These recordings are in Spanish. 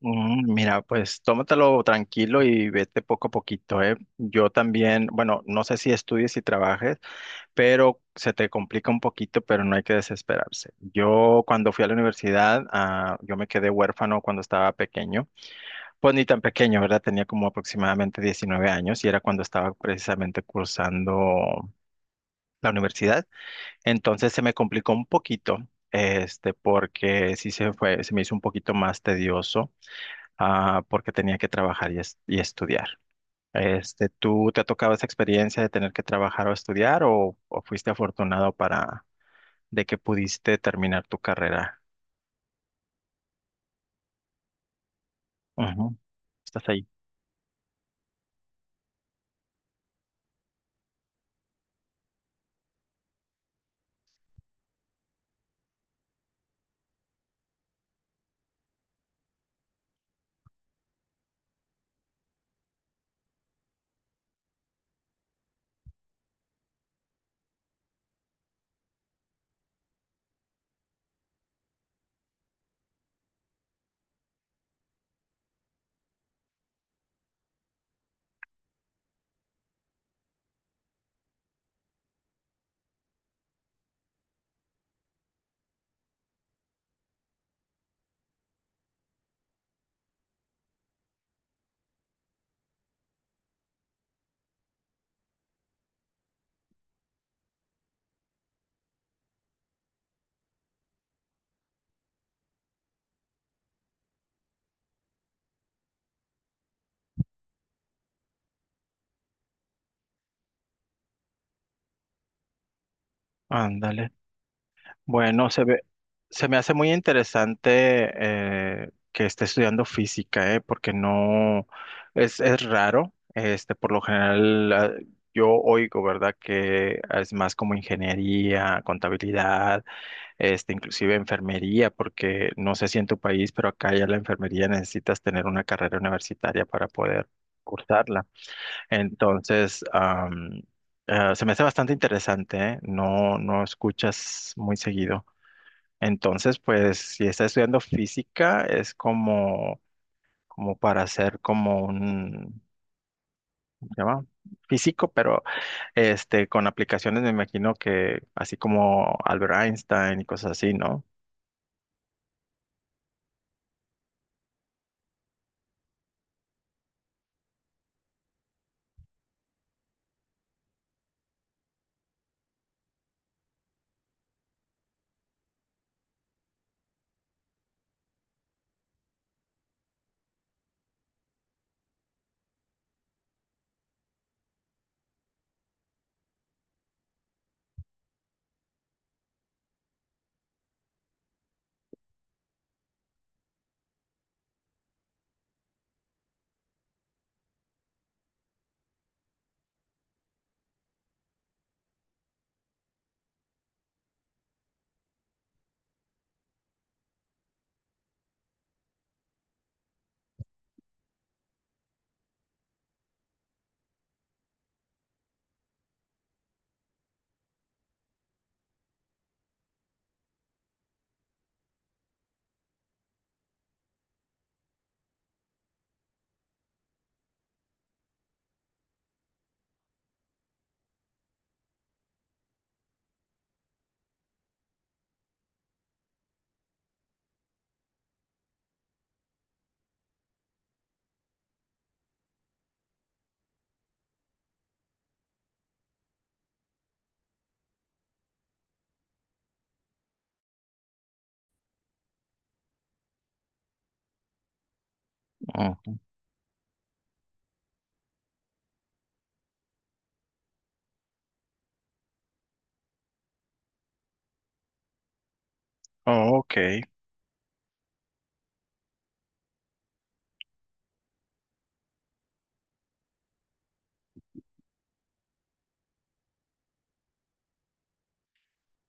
Mira, pues tómatelo tranquilo y vete poco a poquito, ¿eh? Yo también, bueno, no sé si estudies y trabajes, pero se te complica un poquito, pero no hay que desesperarse. Yo cuando fui a la universidad, yo me quedé huérfano cuando estaba pequeño, pues ni tan pequeño, ¿verdad? Tenía como aproximadamente 19 años y era cuando estaba precisamente cursando la universidad. Entonces se me complicó un poquito. Porque sí se fue, se me hizo un poquito más tedioso, porque tenía que trabajar y estudiar. ¿Tú te ha tocado esa experiencia de tener que trabajar o estudiar o fuiste afortunado para de que pudiste terminar tu carrera? Ujú. Estás ahí. Ándale. Bueno, se me hace muy interesante, que esté estudiando física, porque no es raro. Por lo general, yo oigo, ¿verdad? Que es más como ingeniería, contabilidad, inclusive enfermería, porque no sé si en tu país, pero acá ya la enfermería necesitas tener una carrera universitaria para poder cursarla. Entonces, se me hace bastante interesante, ¿eh? No, no escuchas muy seguido. Entonces, pues, si estás estudiando física, es como para hacer como un, ¿cómo se llama? Físico, pero con aplicaciones me imagino que así como Albert Einstein y cosas así, ¿no? Ujú. Oh, ok.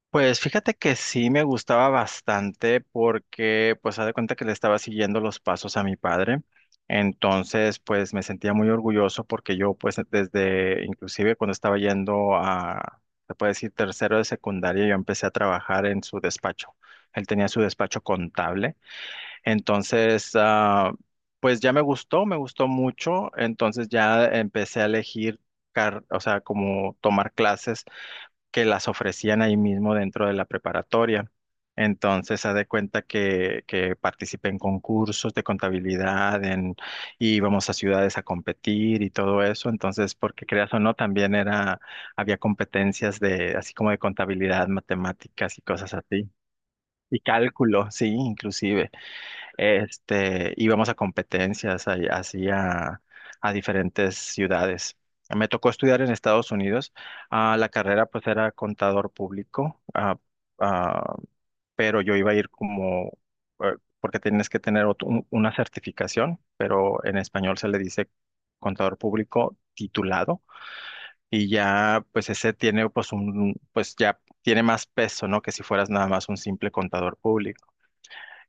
Pues fíjate que sí me gustaba bastante porque pues haz de cuenta que le estaba siguiendo los pasos a mi padre. Entonces pues me sentía muy orgulloso porque yo pues desde inclusive cuando estaba yendo a, se puede decir, tercero de secundaria, yo empecé a trabajar en su despacho. Él tenía su despacho contable. Entonces, pues ya me gustó mucho. Entonces ya empecé a elegir, o sea, como tomar clases que las ofrecían ahí mismo dentro de la preparatoria. Entonces, haz de cuenta que participé en concursos de contabilidad, en, y íbamos a ciudades a competir y todo eso. Entonces, porque creas o no, también era, había competencias de, así como de contabilidad, matemáticas y cosas así. Y cálculo, sí, inclusive. Íbamos a competencias así a diferentes ciudades. Me tocó estudiar en Estados Unidos. Ah, la carrera pues era contador público, ah, pero yo iba a ir como, porque tienes que tener una certificación, pero en español se le dice contador público titulado y ya pues ese tiene pues un, pues ya tiene más peso, ¿no? Que si fueras nada más un simple contador público.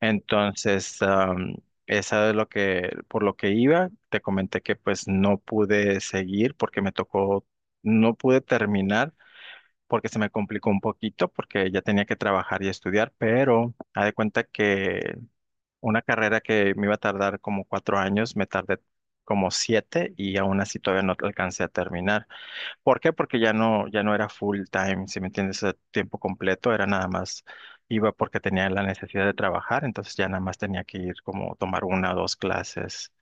Entonces, esa es lo que, por lo que iba, te comenté que pues no pude seguir porque me tocó, no pude terminar porque se me complicó un poquito porque ya tenía que trabajar y estudiar, pero haz de cuenta que una carrera que me iba a tardar como 4 años, me tardé como siete y aún así todavía no alcancé a terminar. ¿Por qué? Porque ya no era full time, si me entiendes, a tiempo completo, era nada más, iba porque tenía la necesidad de trabajar, entonces ya nada más tenía que ir como tomar una o dos clases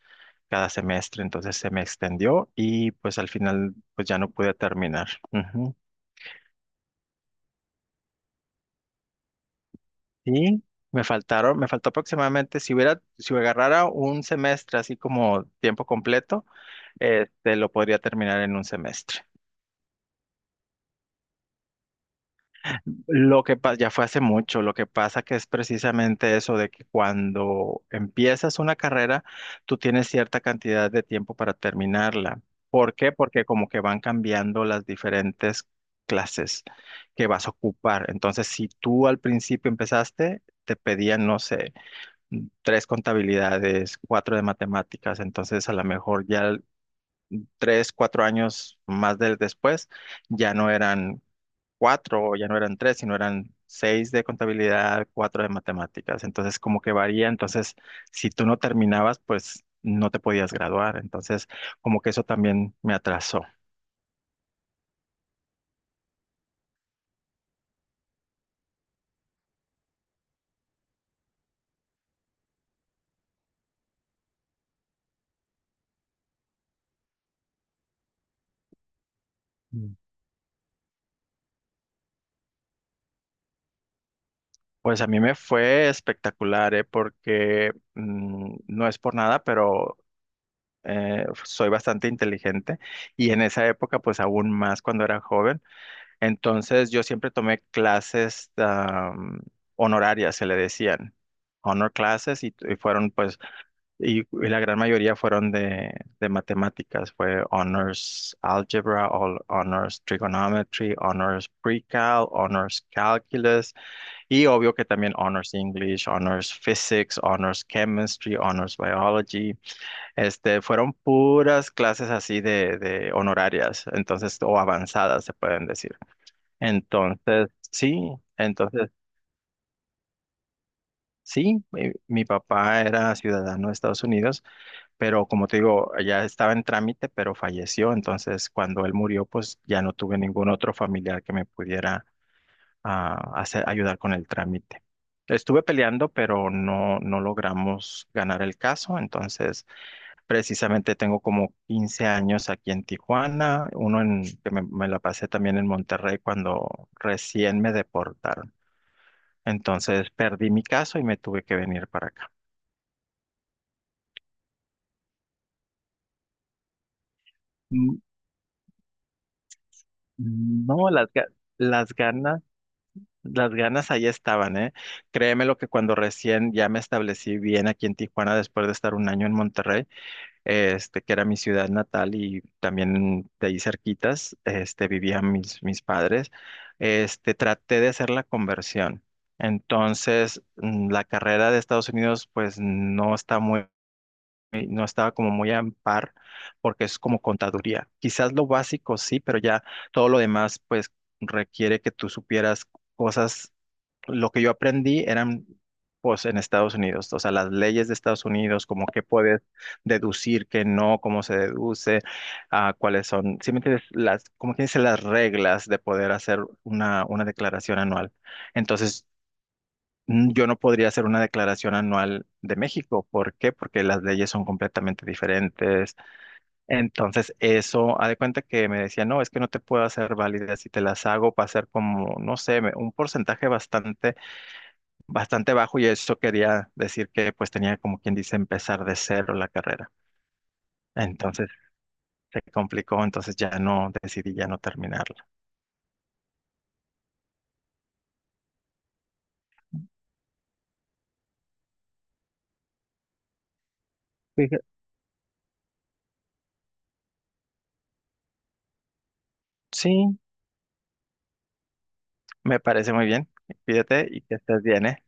cada semestre, entonces se me extendió y pues al final pues ya no pude terminar. Ujú. Y me faltó aproximadamente, si agarrara un semestre así como tiempo completo, lo podría terminar en un semestre. Lo que pasa, ya fue hace mucho, lo que pasa que es precisamente eso de que cuando empiezas una carrera, tú tienes cierta cantidad de tiempo para terminarla. ¿Por qué? Porque como que van cambiando las diferentes clases que vas a ocupar. Entonces, si tú al principio empezaste, te pedían, no sé, tres contabilidades, cuatro de matemáticas, entonces a lo mejor ya tres, cuatro años más del después ya no eran cuatro, ya no eran tres, sino eran seis de contabilidad, cuatro de matemáticas. Entonces, como que varía. Entonces, si tú no terminabas, pues no te podías graduar. Entonces, como que eso también me atrasó. Mm. Pues a mí me fue espectacular, ¿eh? Porque no es por nada, pero soy bastante inteligente y en esa época, pues aún más cuando era joven. Entonces yo siempre tomé clases, honorarias, se le decían, honor classes, y fueron pues, y la gran mayoría fueron de matemáticas, fue honors algebra, honors trigonometry, honors pre-cal, honors calculus, y obvio que también honors English, honors physics, honors chemistry, honors biology, fueron puras clases así de honorarias, entonces, o avanzadas se pueden decir. Entonces, sí. Entonces, sí, mi papá era ciudadano de Estados Unidos, pero como te digo, ya estaba en trámite, pero falleció. Entonces, cuando él murió, pues ya no tuve ningún otro familiar que me pudiera hacer, ayudar con el trámite. Estuve peleando, pero no, no logramos ganar el caso. Entonces, precisamente tengo como 15 años aquí en Tijuana, uno en, que me la pasé también en Monterrey cuando recién me deportaron. Entonces perdí mi caso y me tuve que venir para acá. Mm, No, las ganas, las ganas ahí estaban, ¿eh? Créeme lo que cuando recién ya me establecí bien aquí en Tijuana, después de estar un año en Monterrey, que era mi ciudad natal y también de ahí cerquitas, vivían mis padres, traté de hacer la conversión. Entonces, la carrera de Estados Unidos, pues no estaba como muy a par porque es como contaduría. Quizás lo básico sí, pero ya todo lo demás pues requiere que tú supieras cosas. Lo que yo aprendí eran pues en Estados Unidos, o sea, las leyes de Estados Unidos, como qué puedes deducir, qué no, cómo se deduce, cuáles son, si me entiendes, las, como que dice, las reglas de poder hacer una declaración anual. Entonces, yo no podría hacer una declaración anual de México. ¿Por qué? Porque las leyes son completamente diferentes. Entonces, eso, haz de cuenta que me decía, no, es que no te puedo hacer válida. Si te las hago, va a ser como, no sé, un porcentaje bastante, bastante bajo. Y eso quería decir que, pues, tenía como quien dice empezar de cero la carrera. Entonces, se complicó. Entonces, decidí ya no terminarla. Fija- Sí, me parece muy bien. Cuídate y que estés bien, ¿eh?